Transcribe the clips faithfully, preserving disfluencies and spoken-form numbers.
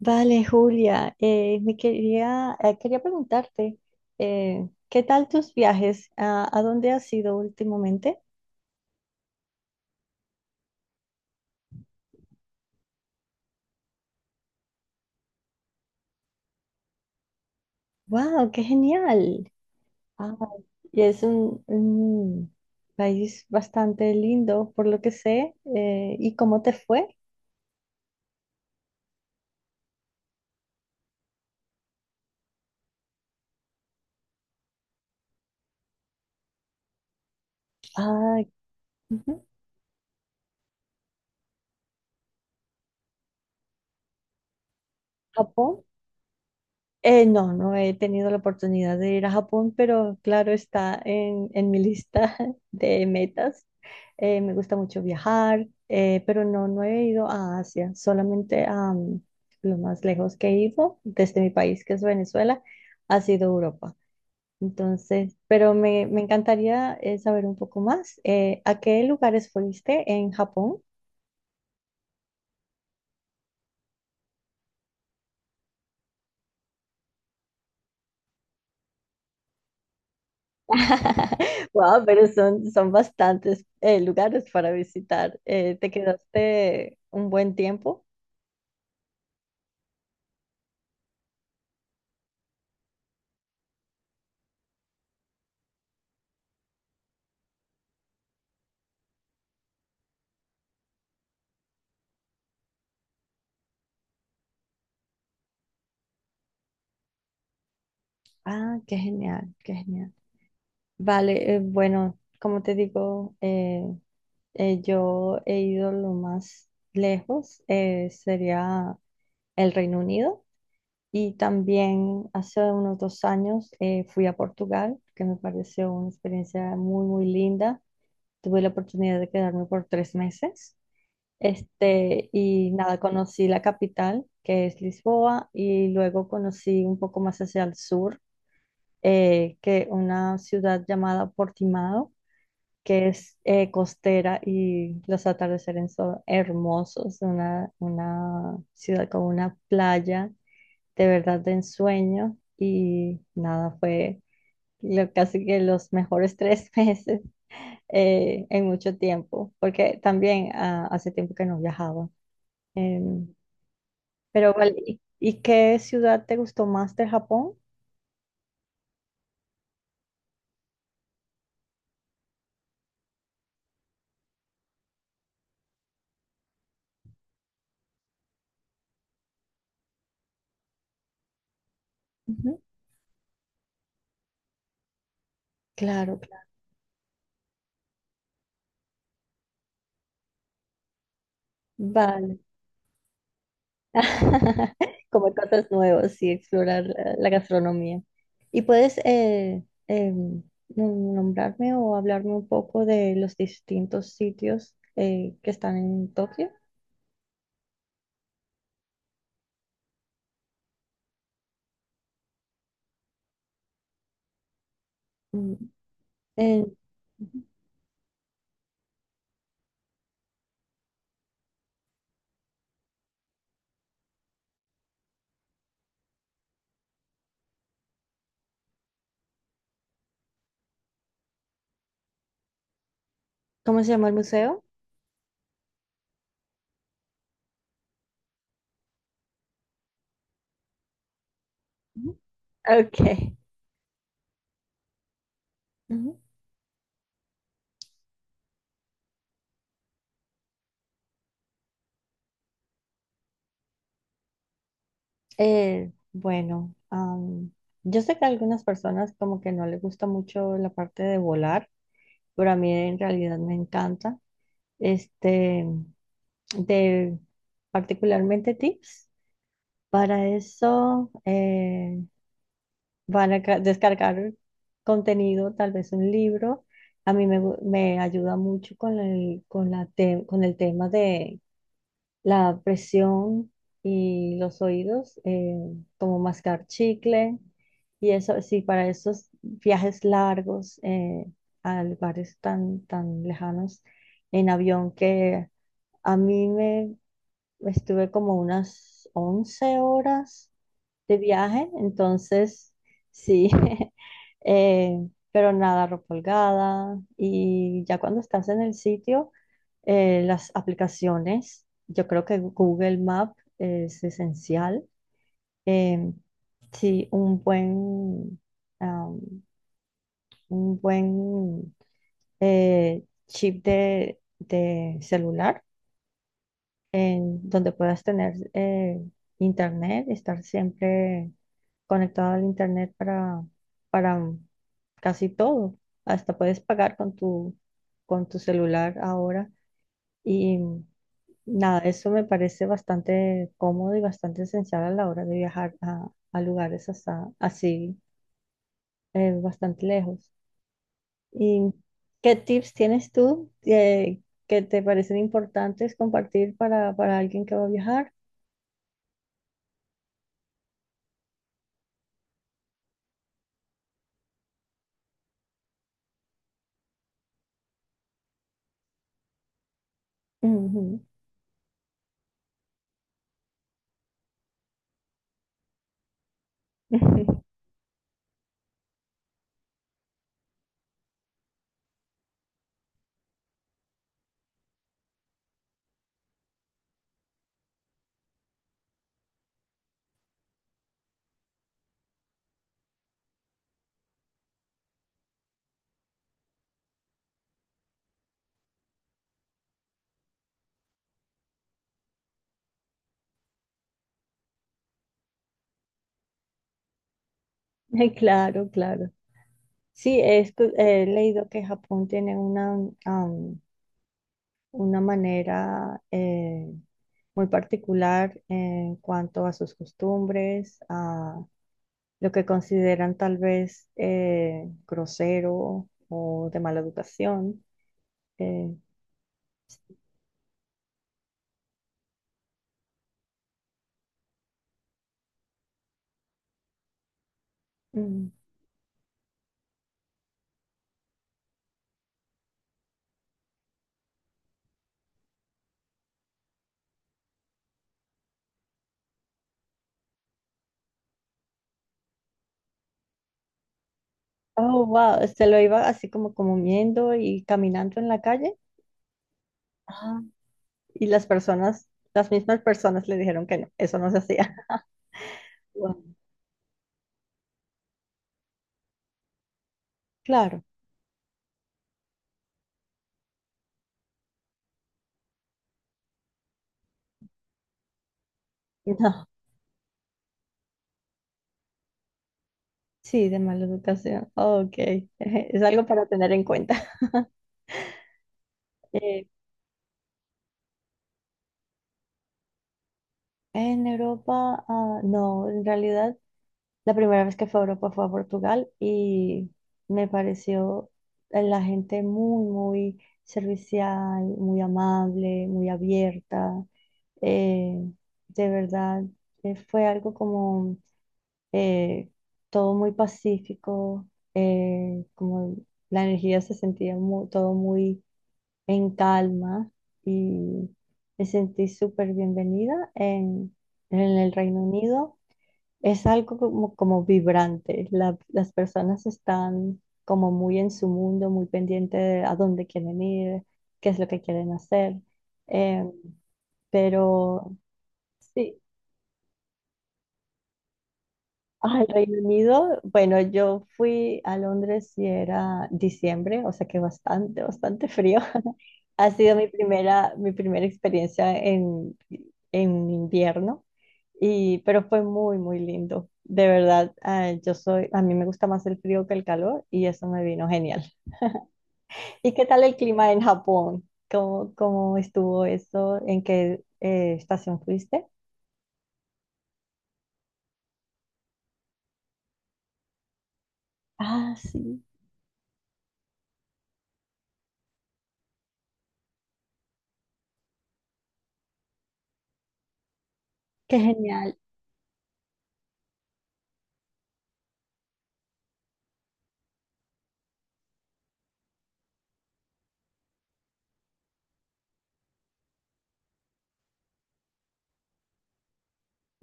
Vale, Julia, eh, me quería, eh, quería preguntarte, eh, ¿qué tal tus viajes? ¿A, a dónde has ido últimamente? ¡Wow, qué genial! Ah, y es un, un país bastante lindo, por lo que sé. Eh, ¿y cómo te fue? Ah, ujú, Japón. Eh, no, no he tenido la oportunidad de ir a Japón, pero claro, está en, en mi lista de metas. Eh, me gusta mucho viajar, eh, pero no, no he ido a Asia, solamente a mm, lo más lejos que he ido desde mi país, que es Venezuela, ha sido Europa. Entonces, pero me, me encantaría eh, saber un poco más. Eh, ¿a qué lugares fuiste en Japón? Wow, pero son, son bastantes eh, lugares para visitar. Eh, ¿te quedaste un buen tiempo? Ah, qué genial, qué genial. Vale, eh, bueno, como te digo, eh, eh, yo he ido lo más lejos, eh, sería el Reino Unido. Y también hace unos dos años eh, fui a Portugal, que me pareció una experiencia muy, muy linda. Tuve la oportunidad de quedarme por tres meses. Este, y nada, conocí la capital, que es Lisboa, y luego conocí un poco más hacia el sur, eh, que una ciudad llamada Portimao, que es eh, costera y los atardeceres son hermosos, una, una ciudad con una playa de verdad de ensueño, y nada, fue lo- casi que los mejores tres meses eh, en mucho tiempo, porque también ah, hace tiempo que no viajaba. Em, Pero vale, ¿y, y qué ciudad te gustó más de Japón? Ujú, claro, claro. Vale. Comer cosas nuevas y explorar la, la gastronomía. ¿Y puedes eh, em, nom- nombrarme o hablarme un poco de los distintos sitios eh, que están en Tokio? Mm, en- ujú. ¿Cómo se llama el museo? Ujú. Ok. Ujú. Eh, bueno, am, yo sé que a algunas personas como que no les gusta mucho la parte de volar, pero a mí en realidad me encanta. Este, de particularmente tips. Para eso eh, van a ca- descargar contenido, tal vez un libro. A mí me, gu- me ayuda mucho con el, con la te- con el tema de la presión y los oídos, eh, como mascar chicle, y eso sí, para esos viajes largos eh, a lugares tan, tan lejanos en avión que a mí me estuve como unas once horas de viaje, entonces sí, eh, pero nada, ropa holgada y ya cuando estás en el sitio, eh, las aplicaciones, yo creo que Google Map es esencial. Eh, sí, un buen, am, un buen eh, chip de, de celular en donde puedas tener eh, internet, estar siempre conectado al internet para, para casi todo. Hasta puedes pagar con tu, con tu celular ahora. Y nada, eso me parece bastante cómodo y bastante esencial a la hora de viajar a, a lugares hasta- así, eh, bastante lejos. ¿Y qué tips tienes tú eh, que te parecen importantes compartir para, para alguien que va a viajar? Ujú. Ay, claro, claro. Sí, he, escu- he leído que Japón tiene una, um, am, una manera eh, muy particular en cuanto a sus costumbres, a lo que consideran tal vez eh, grosero o de mala educación. Eh, mm. Oh, wow, se lo iba así como comiendo y caminando en la calle. Ah. Y las personas, las mismas personas le dijeron que no, eso no se hacía. Claro, no, sí, de mala educación. Ok, es algo para tener en cuenta. Eh, en Europa, ah, no, en realidad, la primera vez que fue a Europa fue a Portugal y me pareció eh, la gente muy, muy servicial, muy amable, muy abierta. Eh, de verdad, eh, fue algo como eh, todo muy pacífico, eh, como la energía se sentía mu- todo muy en calma y me sentí súper bienvenida en, en el Reino Unido. Es algo como, como vibrante. La- las personas están como muy en su mundo, muy pendiente de a dónde quieren ir, qué es lo que quieren hacer. Eh, pero sí, al Reino Unido, bueno, yo fui a Londres y era diciembre, o sea que bastante, bastante frío. Ha sido mi primera, mi primera experiencia en, en invierno, y, pero fue muy, muy lindo. De verdad, ah, yo soy, a mí me gusta más el frío que el calor y eso me vino genial. ¿Y qué tal el clima en Japón? ¿Cómo, cómo estuvo eso? ¿En qué eh, estación fuiste? Ah, sí, qué genial.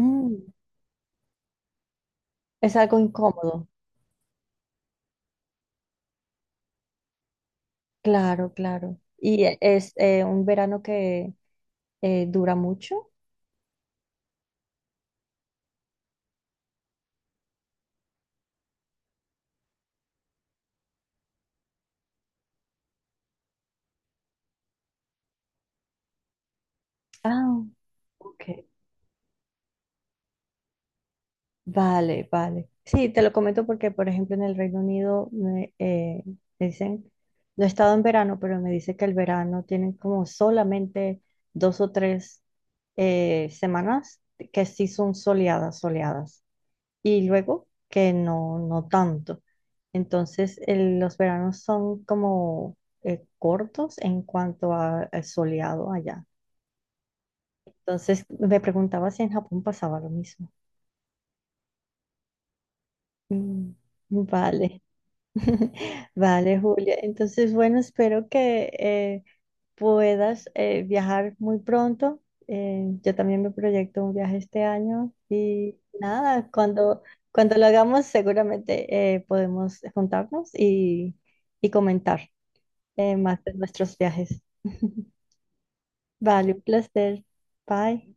Mm, es algo incómodo. Claro, claro. ¿Y e- es eh, un verano que eh, dura mucho? Ah, ok. Vale, vale. Sí, te lo comento porque, por ejemplo, en el Reino Unido me, eh, me dicen, no he estado en verano, pero me dice que el verano tienen como solamente dos o tres eh, semanas que sí son soleadas, soleadas. Y luego que no, no tanto. Entonces, el- los veranos son como eh, cortos en cuanto a, a soleado allá. Entonces, me preguntaba si en Japón pasaba lo mismo. Mm, vale, vale, Julia. Entonces, bueno, espero que eh, puedas eh, viajar muy pronto. Eh, yo también me proyecto un viaje este año y nada, cuando, cuando lo hagamos seguramente eh, podemos juntarnos y, y comentar eh, más de nuestros viajes. Vale, un placer. Bye.